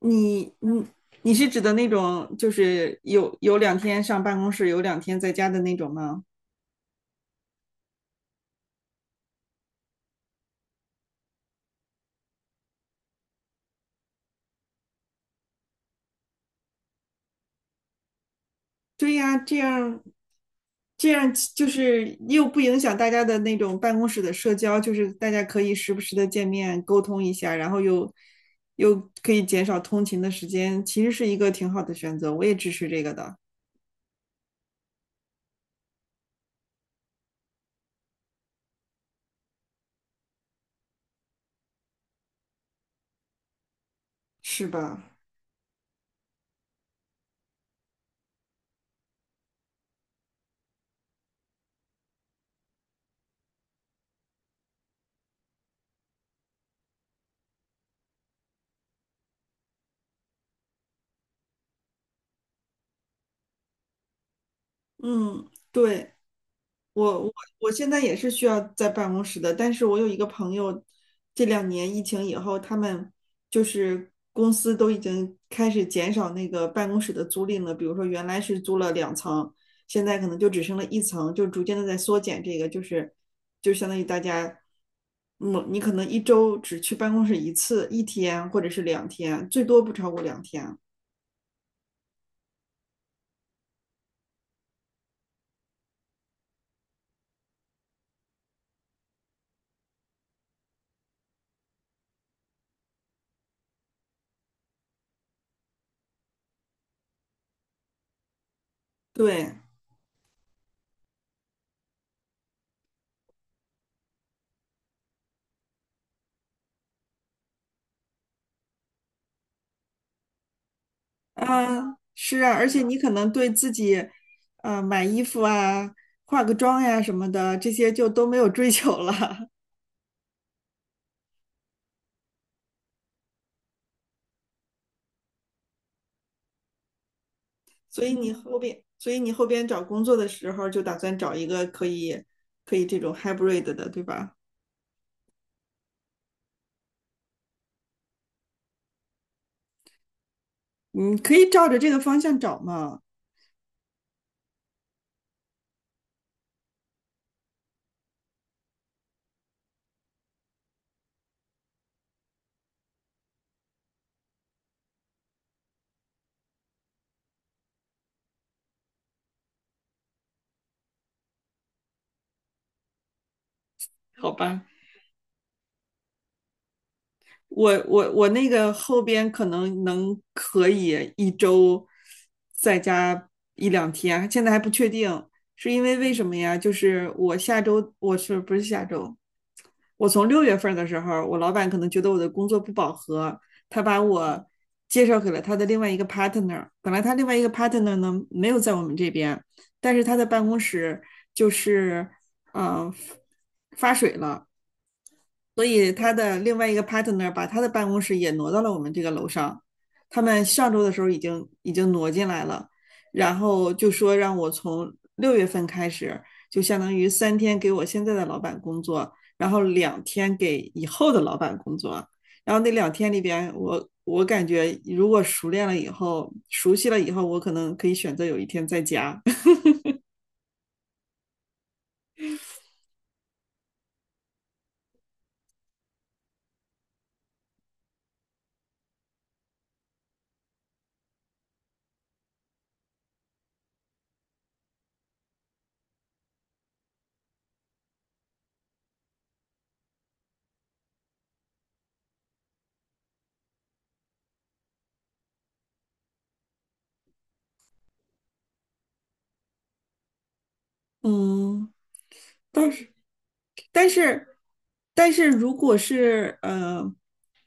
你你你是指的那种，就是有两天上办公室，有两天在家的那种吗？对呀，这样就是又不影响大家的那种办公室的社交，就是大家可以时不时的见面沟通一下，然后又可以减少通勤的时间，其实是一个挺好的选择，我也支持这个的，是吧？嗯，对。我我我现在也是需要在办公室的，但是我有一个朋友，这两年疫情以后，他们就是公司都已经开始减少那个办公室的租赁了，比如说原来是租了两层，现在可能就只剩了一层，就逐渐的在缩减这个，就是就相当于大家，嗯，你可能一周只去办公室一次，一天或者是两天，最多不超过两天，对。啊，是啊，而且你可能对自己，买衣服啊、化个妆呀、什么的，这些就都没有追求了。所以你后边，所以你后边找工作的时候，就打算找一个可以这种 hybrid 的，对吧？你可以照着这个方向找嘛。好吧。我那个后边可能可以一周在家一两天，现在还不确定，是因为为什么呀？就是我下周我是不是下周？我从六月份的时候，我老板可能觉得我的工作不饱和，他把我介绍给了他的另外一个 partner。本来他另外一个 partner 呢没有在我们这边，但是他的办公室就是嗯、呃发水了，所以他的另外一个 partner 把他的办公室也挪到了我们这个楼上。他们上周的时候已经挪进来了，然后就说让我从六月份开始，就相当于三天给我现在的老板工作，然后两天给以后的老板工作。然后那两天里边，我感觉如果熟练了以后，熟悉了以后，我可能可以选择有一天在家。嗯。但是，但是，但是如果是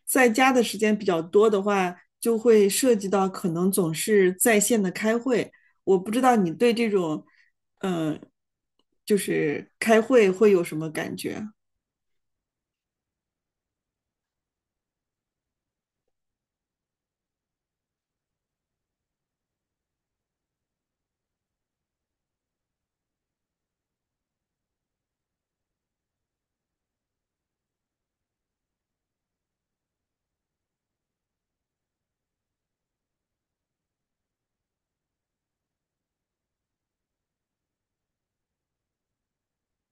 在家的时间比较多的话，就会涉及到可能总是在线的开会。我不知道你对这种，呃，就是开会会有什么感觉？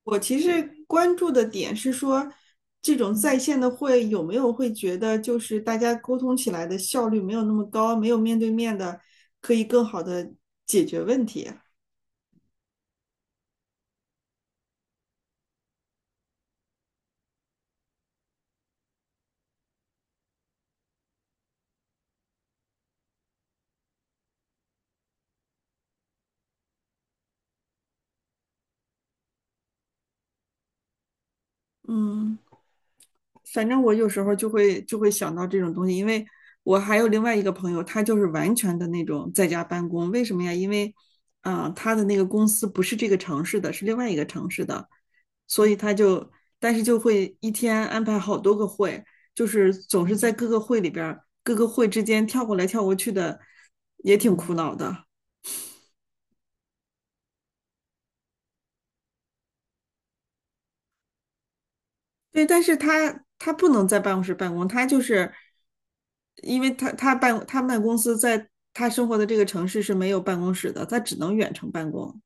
我其实关注的点是说，这种在线的会有没有会觉得就是大家沟通起来的效率没有那么高，没有面对面的可以更好的解决问题。嗯。反正我有时候就会想到这种东西，因为我还有另外一个朋友，他就是完全的那种在家办公。为什么呀？因为，他的那个公司不是这个城市的，是另外一个城市的，所以他就，但是就会一天安排好多个会，就是总是在各个会里边各个会之间跳过来跳过去的，也挺苦恼的。对，但是他不能在办公室办公，他就是因为他们公司在他生活的这个城市是没有办公室的，他只能远程办公。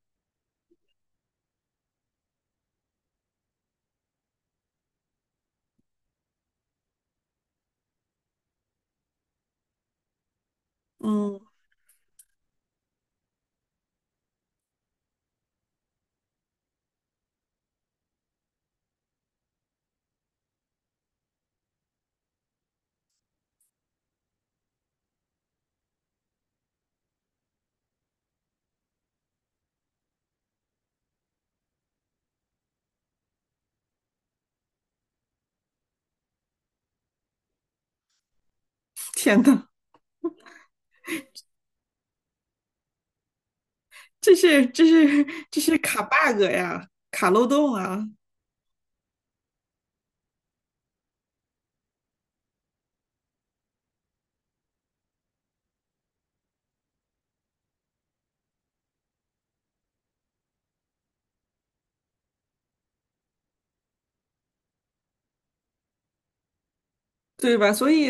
嗯，天呐，这是这是这是卡 bug 呀，卡漏洞啊！对吧？所以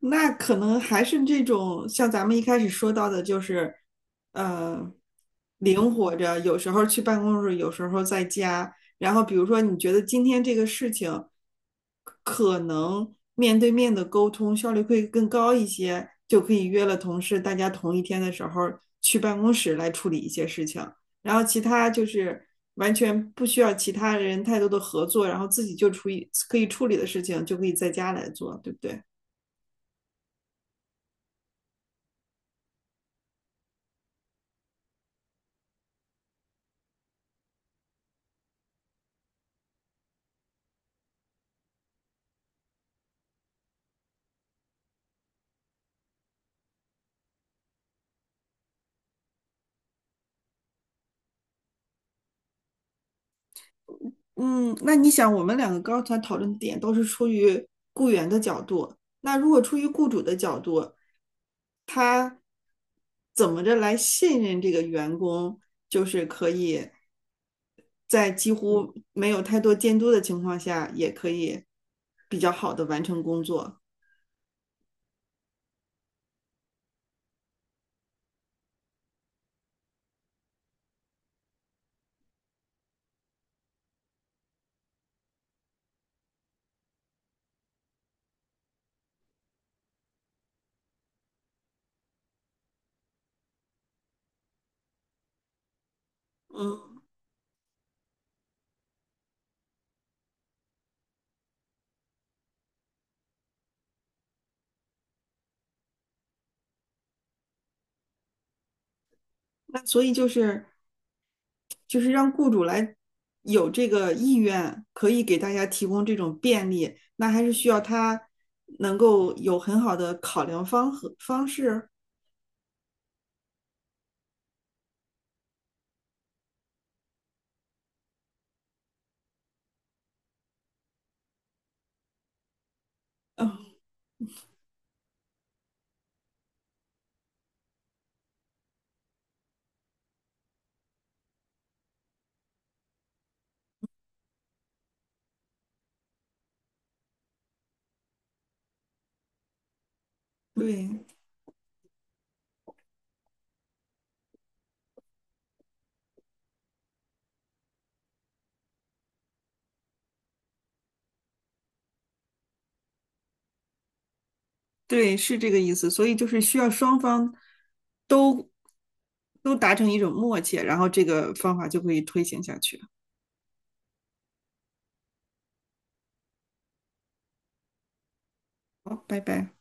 那可能还是这种像咱们一开始说到的，就是呃，灵活着，有时候去办公室，有时候在家。然后比如说，你觉得今天这个事情可能面对面的沟通效率会更高一些，就可以约了同事，大家同一天的时候去办公室来处理一些事情。然后其他就是完全不需要其他人太多的合作，然后自己就处理可以处理的事情就可以在家来做，对不对？嗯，那你想，我们两个刚才讨论的点都是出于雇员的角度，那如果出于雇主的角度，他怎么着来信任这个员工，就是可以在几乎没有太多监督的情况下，也可以比较好的完成工作。嗯。那所以就是让雇主来有这个意愿，可以给大家提供这种便利，那还是需要他能够有很好的考量方和方式。嗯，对对，是这个意思。所以就是需要双方都都达成一种默契，然后这个方法就可以推行下去。好，拜拜。